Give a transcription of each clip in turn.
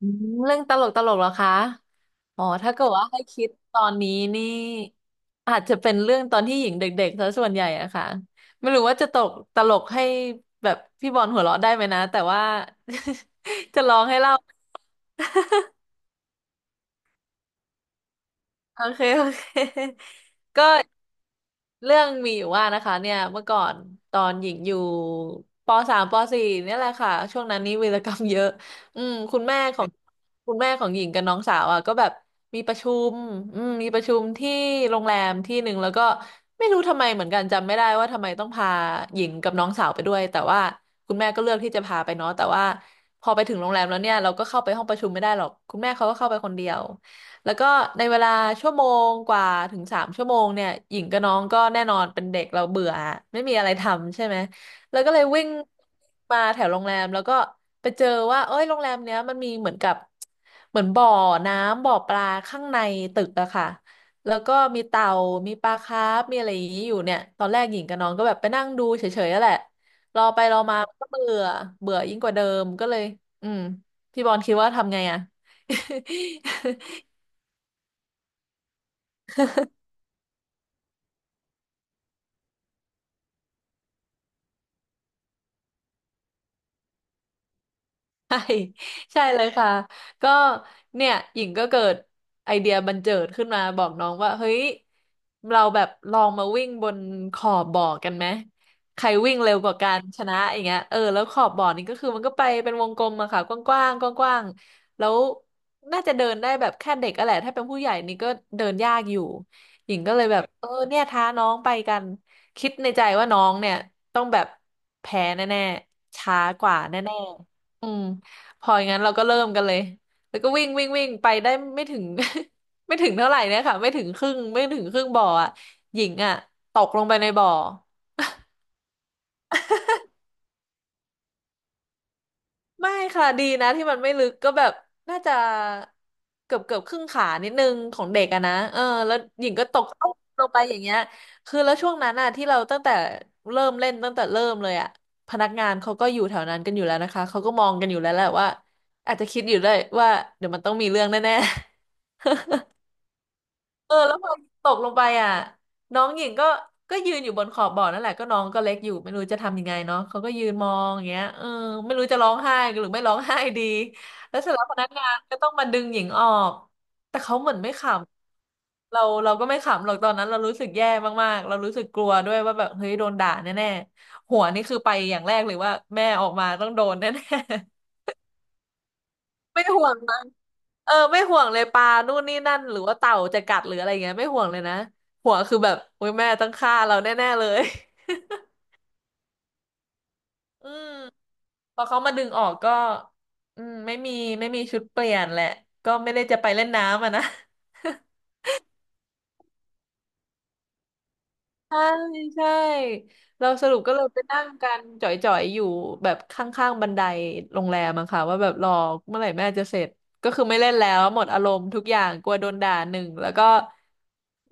อืมเรื่องตลกตลกเหรอคะ อ๋อถ้าเกิดว่าให้คิดตอนนี้นี่อาจจะเป็นเรื่องตอนที่หญิงเด็กๆซะส่วนใหญ่อะค่ะไม่รู้ว่าจะตกตลกให้แบบพี่บอลหัวเราะได้ไหมนะ แต่ว่า จะลองให้เล่าโอเคโอเค ก็ เรื่องมีอยู่ว่านะคะเนี่ยเมื่อก่อนตอนหญิงอยู่ปสามปสี่เนี่ยแหละค่ะช่วงนั้นนี่วีรกรรมเยอะอืมคุณแม่ของคุณแม่ของหญิงกับน้องสาวอ่ะก็แบบมีประชุมมีประชุมที่โรงแรมที่หนึ่งแล้วก็ไม่รู้ทำไมเหมือนกันจำไม่ได้ว่าทำไมต้องพาหญิงกับน้องสาวไปด้วยแต่ว่าคุณแม่ก็เลือกที่จะพาไปเนาะแต่ว่าพอไปถึงโรงแรมแล้วเนี่ยเราก็เข้าไปห้องประชุมไม่ได้หรอกคุณแม่เขาก็เข้าไปคนเดียว แล้วก็ในเวลาชั่วโมงกว่าถึงสามชั่วโมงเนี่ยหญิงกับน้องก็แน่นอนเป็นเด็กเราเบื่ออะไม่มีอะไรทำใช่ไหมแล้วก็เลยวิ่งมาแถวโรงแรมแล้วก็ไปเจอว่าเอ้ยโรงแรมเนี้ยมันมีเหมือนกับเหมือนบ่อน้ำบ่อปลาข้างในตึกอะค่ะแล้วก็มีเต่ามีปลาคาร์ฟมีอะไรอย่างนี้อยู่เนี่ยตอนแรกหญิงกับน้องก็แบบไปนั่งดูเฉยๆนั่นแหละรอไปรอมาก็เบื่อเบื่อยิ่งกว่าเดิมก็เลยอืมพี่บอลคิดว่าทำไงอะ ใช่ใช่เลยค่ะก็เนี่ยหญิงก็เกิดไอเดียบันเจิดขึ้นมาบอกน้องว่าเฮ้ยเราแบบลองมาวิ่งบนขอบบ่อกันไหมใครวิ่งเร็วกว่ากันชนะอย่างเงี้ยเออแล้วขอบบ่อนี่ก็คือมันก็ไปเป็นวงกลมอะค่ะกว้างๆกว้างๆแล้วน่าจะเดินได้แบบแค่เด็กอะแหละถ้าเป็นผู้ใหญ่นี่ก็เดินยากอยู่หญิงก็เลยแบบเออเนี่ยท้าน้องไปกันคิดในใจว่าน้องเนี่ยต้องแบบแพ้แน่ๆช้ากว่าแน่ๆพออย่างนั้นเราก็เริ่มกันเลยแล้วก็วิ่งวิ่งวิ่งไปได้ไม่ถึง ไม่ถึงเท่าไหร่เนี่ยค่ะไม่ถึงครึ่งไม่ถึงครึ่งบ่ออ่ะหญิงอ่ะตกลงไปในบ่อไม่ค่ะดีนะที่มันไม่ลึกก็แบบน่าจะเกือบเกือบครึ่งขานิดนึงของเด็กอะนะเออแล้วหญิงก็ตกตุ๊บลงไปอย่างเงี้ยคือแล้วช่วงนั้นอะที่เราตั้งแต่เริ่มเล่นตั้งแต่เริ่มเลยอะพนักงานเขาก็อยู่แถวนั้นกันอยู่แล้วนะคะเขาก็มองกันอยู่แล้วแหละว่าอาจจะคิดอยู่ด้วยว่าเดี๋ยวมันต้องมีเรื่องแน่ เออแล้วพอตกลงไปอ่ะน้องหญิงก็ยืนอยู่บนขอบบ่อนั่นแหละก็น้องก็เล็กอยู่ไม่รู้จะทำยังไงเนาะเขาก็ยืนมองอย่างเงี้ยเออไม่รู้จะร้องไห้หรือไม่ร้องไห้ดีแล้วเสร็จแล้วพนักงานก็ต้องมาดึงหญิงออกแต่เขาเหมือนไม่ขำเราก็ไม่ขำหรอกตอนนั้นเรารู้สึกแย่มากๆเรารู้สึกกลัวด้วยว่าแบบเฮ้ยโดนด่าแน่ๆหัวนี่คือไปอย่างแรกเลยว่าแม่ออกมาต้องโดนแน่ ไม่ห่วงมัเออไม่ห่วงเลยปลานู่นนี่นั่นหรือว่าเต่าจะกัดหรืออะไรเงี้ยไม่ห่วงเลยนะห่วงคือแบบโอ้ยแม่ต้องฆ่าเราแน่ๆเลย อืมพอเขามาดึงออกก็อืมไม่มีไม่มีชุดเปลี่ยนแหละก็ไม่ได้จะไปเล่นน้ำอ่ะนะ ใช่ใช่เราสรุปก็เลยไปนั่งกันจ่อยๆอยู่แบบข้างๆบันไดโรงแรมอะค่ะว่าแบบรอเมื่อไหร่แม่จะเสร็จก็คือไม่เล่นแล้วหมดอารมณ์ทุกอย่างกลัวโดนด่าหนึ่งแล้วก็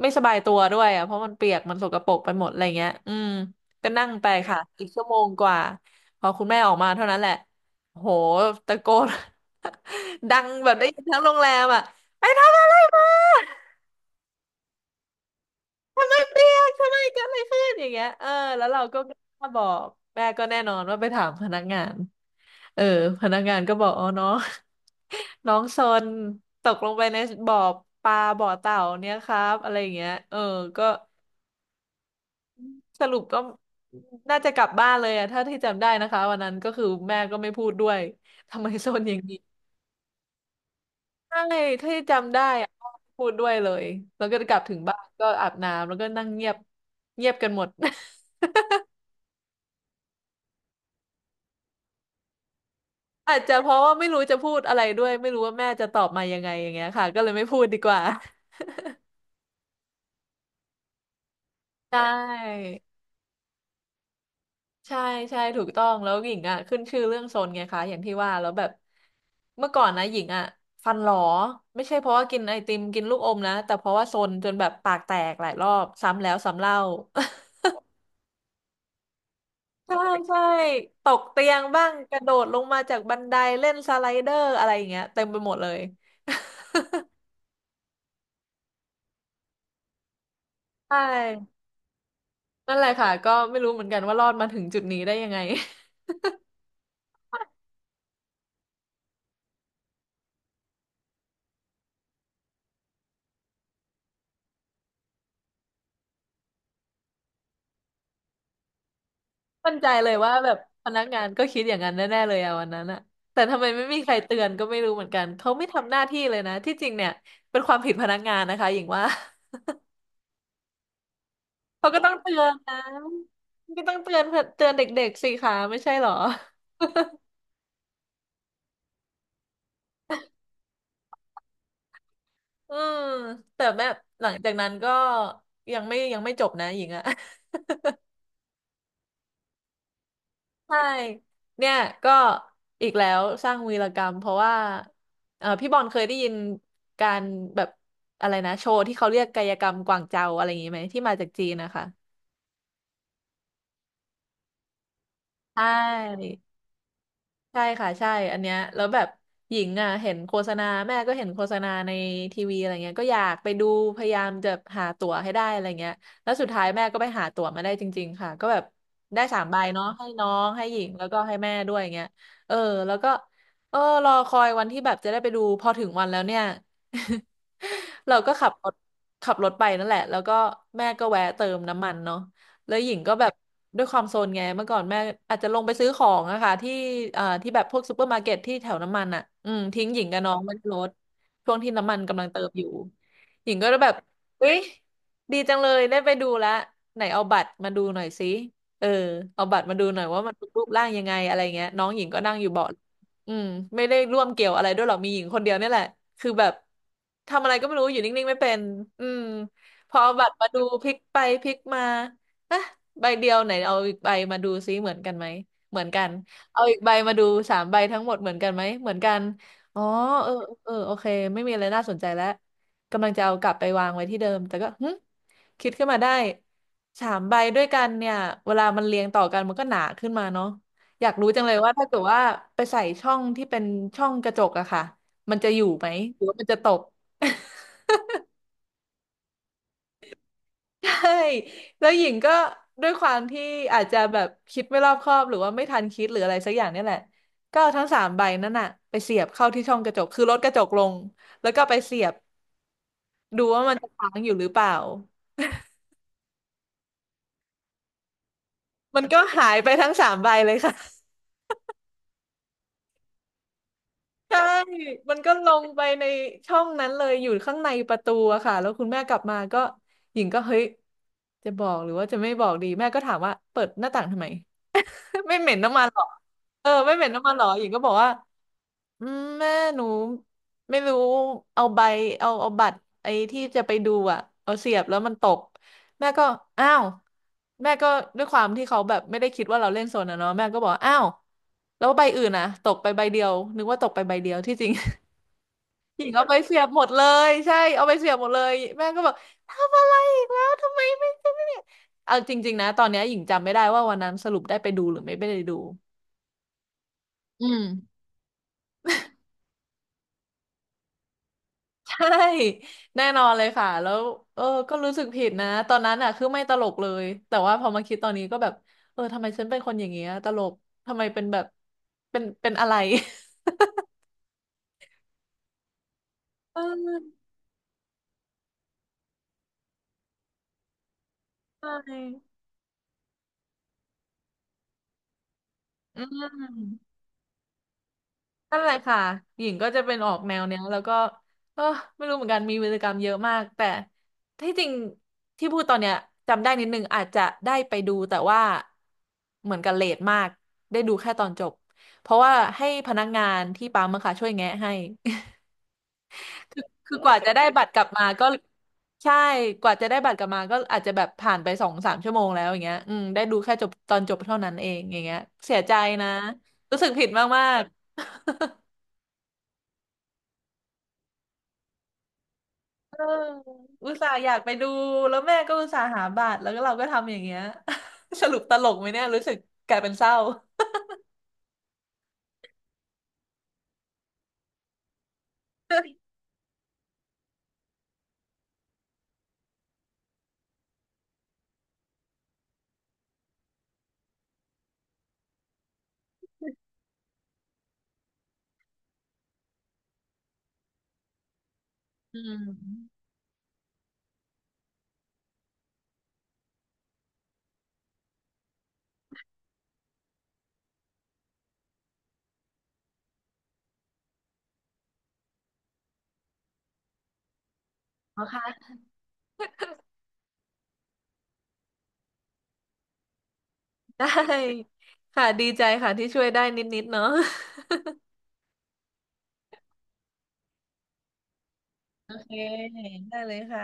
ไม่สบายตัวด้วยอะเพราะมันเปียกมันสกปรกไปหมดอะไรเงี้ยก็นั่งไปค่ะอีกชั่วโมงกว่าพอคุณแม่ออกมาเท่านั้นแหละโหตะโกน ดังแบบได้ยินทั้งโรงแรมอะไปทำอะไรมา ทำไมเปรี้ยงทำไมเกิดอะไรขึ้นอย่างเงี้ยเออแล้วเราก็กล้าบอกแม่ก็แน่นอนว่าไปถามพนักงานเออพนักงานก็บอกอ๋อน้อง น้องซนตกลงไปในบ่อปลาบ่อเต่าเนี่ยครับอะไรอย่างเงี้ยเออก็สรุปก็น่าจะกลับบ้านเลยอะถ้าที่จำได้นะคะวันนั้นก็คือแม่ก็ไม่พูดด้วยทำไมซนอย่างนี้ใช่ที่จำได้อะพูดด้วยเลยแล้วก็กลับถึงบ้านก็อาบน้ำแล้วก็นั่งเงียบเงียบกันหมด อาจจะเพราะว่าไม่รู้จะพูดอะไรด้วยไม่รู้ว่าแม่จะตอบมายังไงอย่างเงี้ยค่ะก็เลยไม่พูดดีกว่าใช่ใช่ใช่ถูกต้องแล้วหญิงอ่ะขึ้นชื่อเรื่องโซนไงคะอย่างที่ว่าแล้วแบบเมื่อก่อนนะหญิงอ่ะฟันหลอไม่ใช่เพราะว่ากินไอติมกินลูกอมนะแต่เพราะว่าโซนจนแบบปากแตกหลายรอบซ้ำแล้วซ้ำเล่า ใช่ใช่ตกเตียงบ้างกระโดดลงมาจากบันไดเล่นสไลเดอร์อะไรอย่างเงี้ยเต็มไปหมดเลย ใช่นั่นแหละค่ะก็ไม่รู้เหมือนกันว่ารอดมาถึงจุดนี้ได้ยังไง มั่นใจเลยว่าแบบพนักงานก็คิดอย่างนั้นแน่ๆเลยอะวันนั้นอะแต่ทำไมไม่มีใครเตือนก็ไม่รู้เหมือนกันเขาไม่ทำหน้าที่เลยนะที่จริงเนี่ยเป็นความผิดพนักงานนะคะหญิงว่า เขาก็ต้องเตือนนะก็ต้องเตือนเด็กๆสิคะไม่ใช่เหรอ อืมแต่แบบหลังจากนั้นก็ยังไม่จบนะหญิงอะ ใช่ เนี่ยก็อีกแล้วสร้างวีรกรรมเพราะว่าเออพี่บอลเคยได้ยินการแบบอะไรนะโชว์ที่เขาเรียกกายกรรมกวางเจาอะไรอย่างนี้ไหมที่มาจากจีนนะคะใช่ ใช่ค่ะใช่อันเนี้ยแล้วแบบหญิงอ่ะเห็นโฆษณาแม่ก็เห็นโฆษณาในทีวีอะไรเงี้ยก็อยากไปดูพยายามจะหาตั๋วให้ได้อะไรเงี้ยแล้วสุดท้ายแม่ก็ไปหาตั๋วมาได้จริงๆค่ะก็แบบได้สามใบเนาะให้น้องให้หญิงแล้วก็ให้แม่ด้วยเงี้ยเออแล้วก็เออรอคอยวันที่แบบจะได้ไปดูพอถึงวันแล้วเนี่ย เราก็ขับรถขับรถไปนั่นแหละแล้วก็แม่ก็แวะเติมน้ำมันเนาะ แล้วหญิงก็แบบด้วยความโซนไงเมื่อก่อนแม่อาจจะลงไปซื้อของอะค่ะที่ที่แบบพวกซูเปอร์มาร์เก็ตที่แถวน้ำมันอะอืมทิ้งหญิงกับน้องไว้ในรถช่วงที่น้ำมันกำลังเติมอยู่หญิงก็แบบเฮ้ยดีจังเลยได้ไปดูแล้วไหนเอาบัตรมาดูหน่อยสิเออเอาบัตรมาดูหน่อยว่ามันรูปร่างยังไงอะไรเงี้ยน้องหญิงก็นั่งอยู่เบาะอืมไม่ได้ร่วมเกี่ยวอะไรด้วยหรอกมีหญิงคนเดียวเนี่ยแหละคือแบบทำอะไรก็ไม่รู้อยู่นิ่งๆไม่เป็นอืมพอเอาบัตรมาดูพลิกไปพลิกมา อ่ะใบเดียวไหนเอาอีกใบมาดูซิเหมือนกันไหมเหมือนกันเอาอีกใบมาดูสามใบทั้งหมดเหมือนกันไหมเหมือนกันอ๋อเออเออโอเคไม่มีอะไรน่าสนใจแล้วกำลังจะเอากลับไปวางไว้ที่เดิมแต่ก็หึคิดขึ้นมาได้สามใบด้วยกันเนี่ยเวลามันเรียงต่อกันมันก็หนาขึ้นมาเนาะอยากรู้จังเลยว่าถ้าเกิดว่าไปใส่ช่องที่เป็นช่องกระจกอะค่ะมันจะอยู่ไหมหรือว่ามันจะตก ใช่แล้วหญิงก็ด้วยความที่อาจจะแบบคิดไม่รอบคอบหรือว่าไม่ทันคิดหรืออะไรสักอย่างเนี่ยแหละก็เอาทั้งสามใบนั่นน่ะไปเสียบเข้าที่ช่องกระจกคือลดกระจกลงแล้วก็ไปเสียบดูว่ามันจะค้างอยู่หรือเปล่ามันก็หายไปทั้งสามใบเลยค่ะใช่มันก็ลงไปในช่องนั้นเลยอยู่ข้างในประตูอะค่ะแล้วคุณแม่กลับมาก็หญิงก็เฮ้ยจะบอกหรือว่าจะไม่บอกดีแม่ก็ถามว่าเปิดหน้าต่างทำไม ไม่เหม็นน้ำมันหรอเออไม่เหม็นน้ำมันหรอหญิงก็บอกว่า อืมแม่หนูไม่รู้เอาใบเอาบัตรไอ้ที่จะไปดูอ่ะเอาเสียบแล้วมันตกแม่ก็อ้าวแม่ก็ด้วยความที่เขาแบบไม่ได้คิดว่าเราเล่นโซนอะเนาะแม่ก็บอกอ้าวแล้วใบอื่นอะตกไปใบเดียวนึกว่าตกไปใบเดียวที่จริง หญิงเอาไปเสียบหมดเลยใช่เอาไปเสียบหมดเลยแม่ก็บอกทำอะไรอีกแล้วทำไมไม่ไ่ยเอาจริงๆนะตอนเนี้ยหญิงจำไม่ได้ว่าวันนั้นสรุปได้ไปดูหรือไม่ไปได้ดูอืม ใช่ แน่นอนเลยค่ะแล้วเออก็รู้สึกผิดนะตอนนั้นอ่ะคือไม่ตลกเลยแต่ว่าพอมาคิดตอนนี้ก็แบบเออทำไมฉันเป็นคนอย่างเงี้ยตลกทำไมเป็นแบบเป็นอะไร เออใช่อืม นั่นแหละค่ะหญิงก็จะเป็นออกแนวเนี้ยแล้วก็เออไม่รู้เหมือนกันมีวีรกรรมเยอะมากแต่ที่จริงที่พูดตอนเนี้ยจำได้นิดนึงอาจจะได้ไปดูแต่ว่าเหมือนกับเลทมากได้ดูแค่ตอนจบเพราะว่าให้พนักงานที่ปั๊มอะค่ะช่วยแงะให้ คือกว่าจะได้บัตรกลับมาก็ใช่กว่าจะได้บัตรกลับมาก็อาจจะแบบผ่านไปสองสามชั่วโมงแล้วอย่างเงี้ยอืมได้ดูแค่จบตอนจบเท่านั้นเองอย่างเงี้ยเสียใจนะรู้สึกผิดมากๆ เอออุตส่าห์อยากไปดู แล้วแม่ก็อุตส่าห์หาบัตรแล้วก็เราก็ทำอย่างเงี้ย สรุปตลกไหมเนี่ย รู้สึกกลายเป็นเศร้า อืม โอเคได้ค่ะดีใจค่ะที่ช่วยได้นิดๆเนาะโอเคได้เลยค่ะ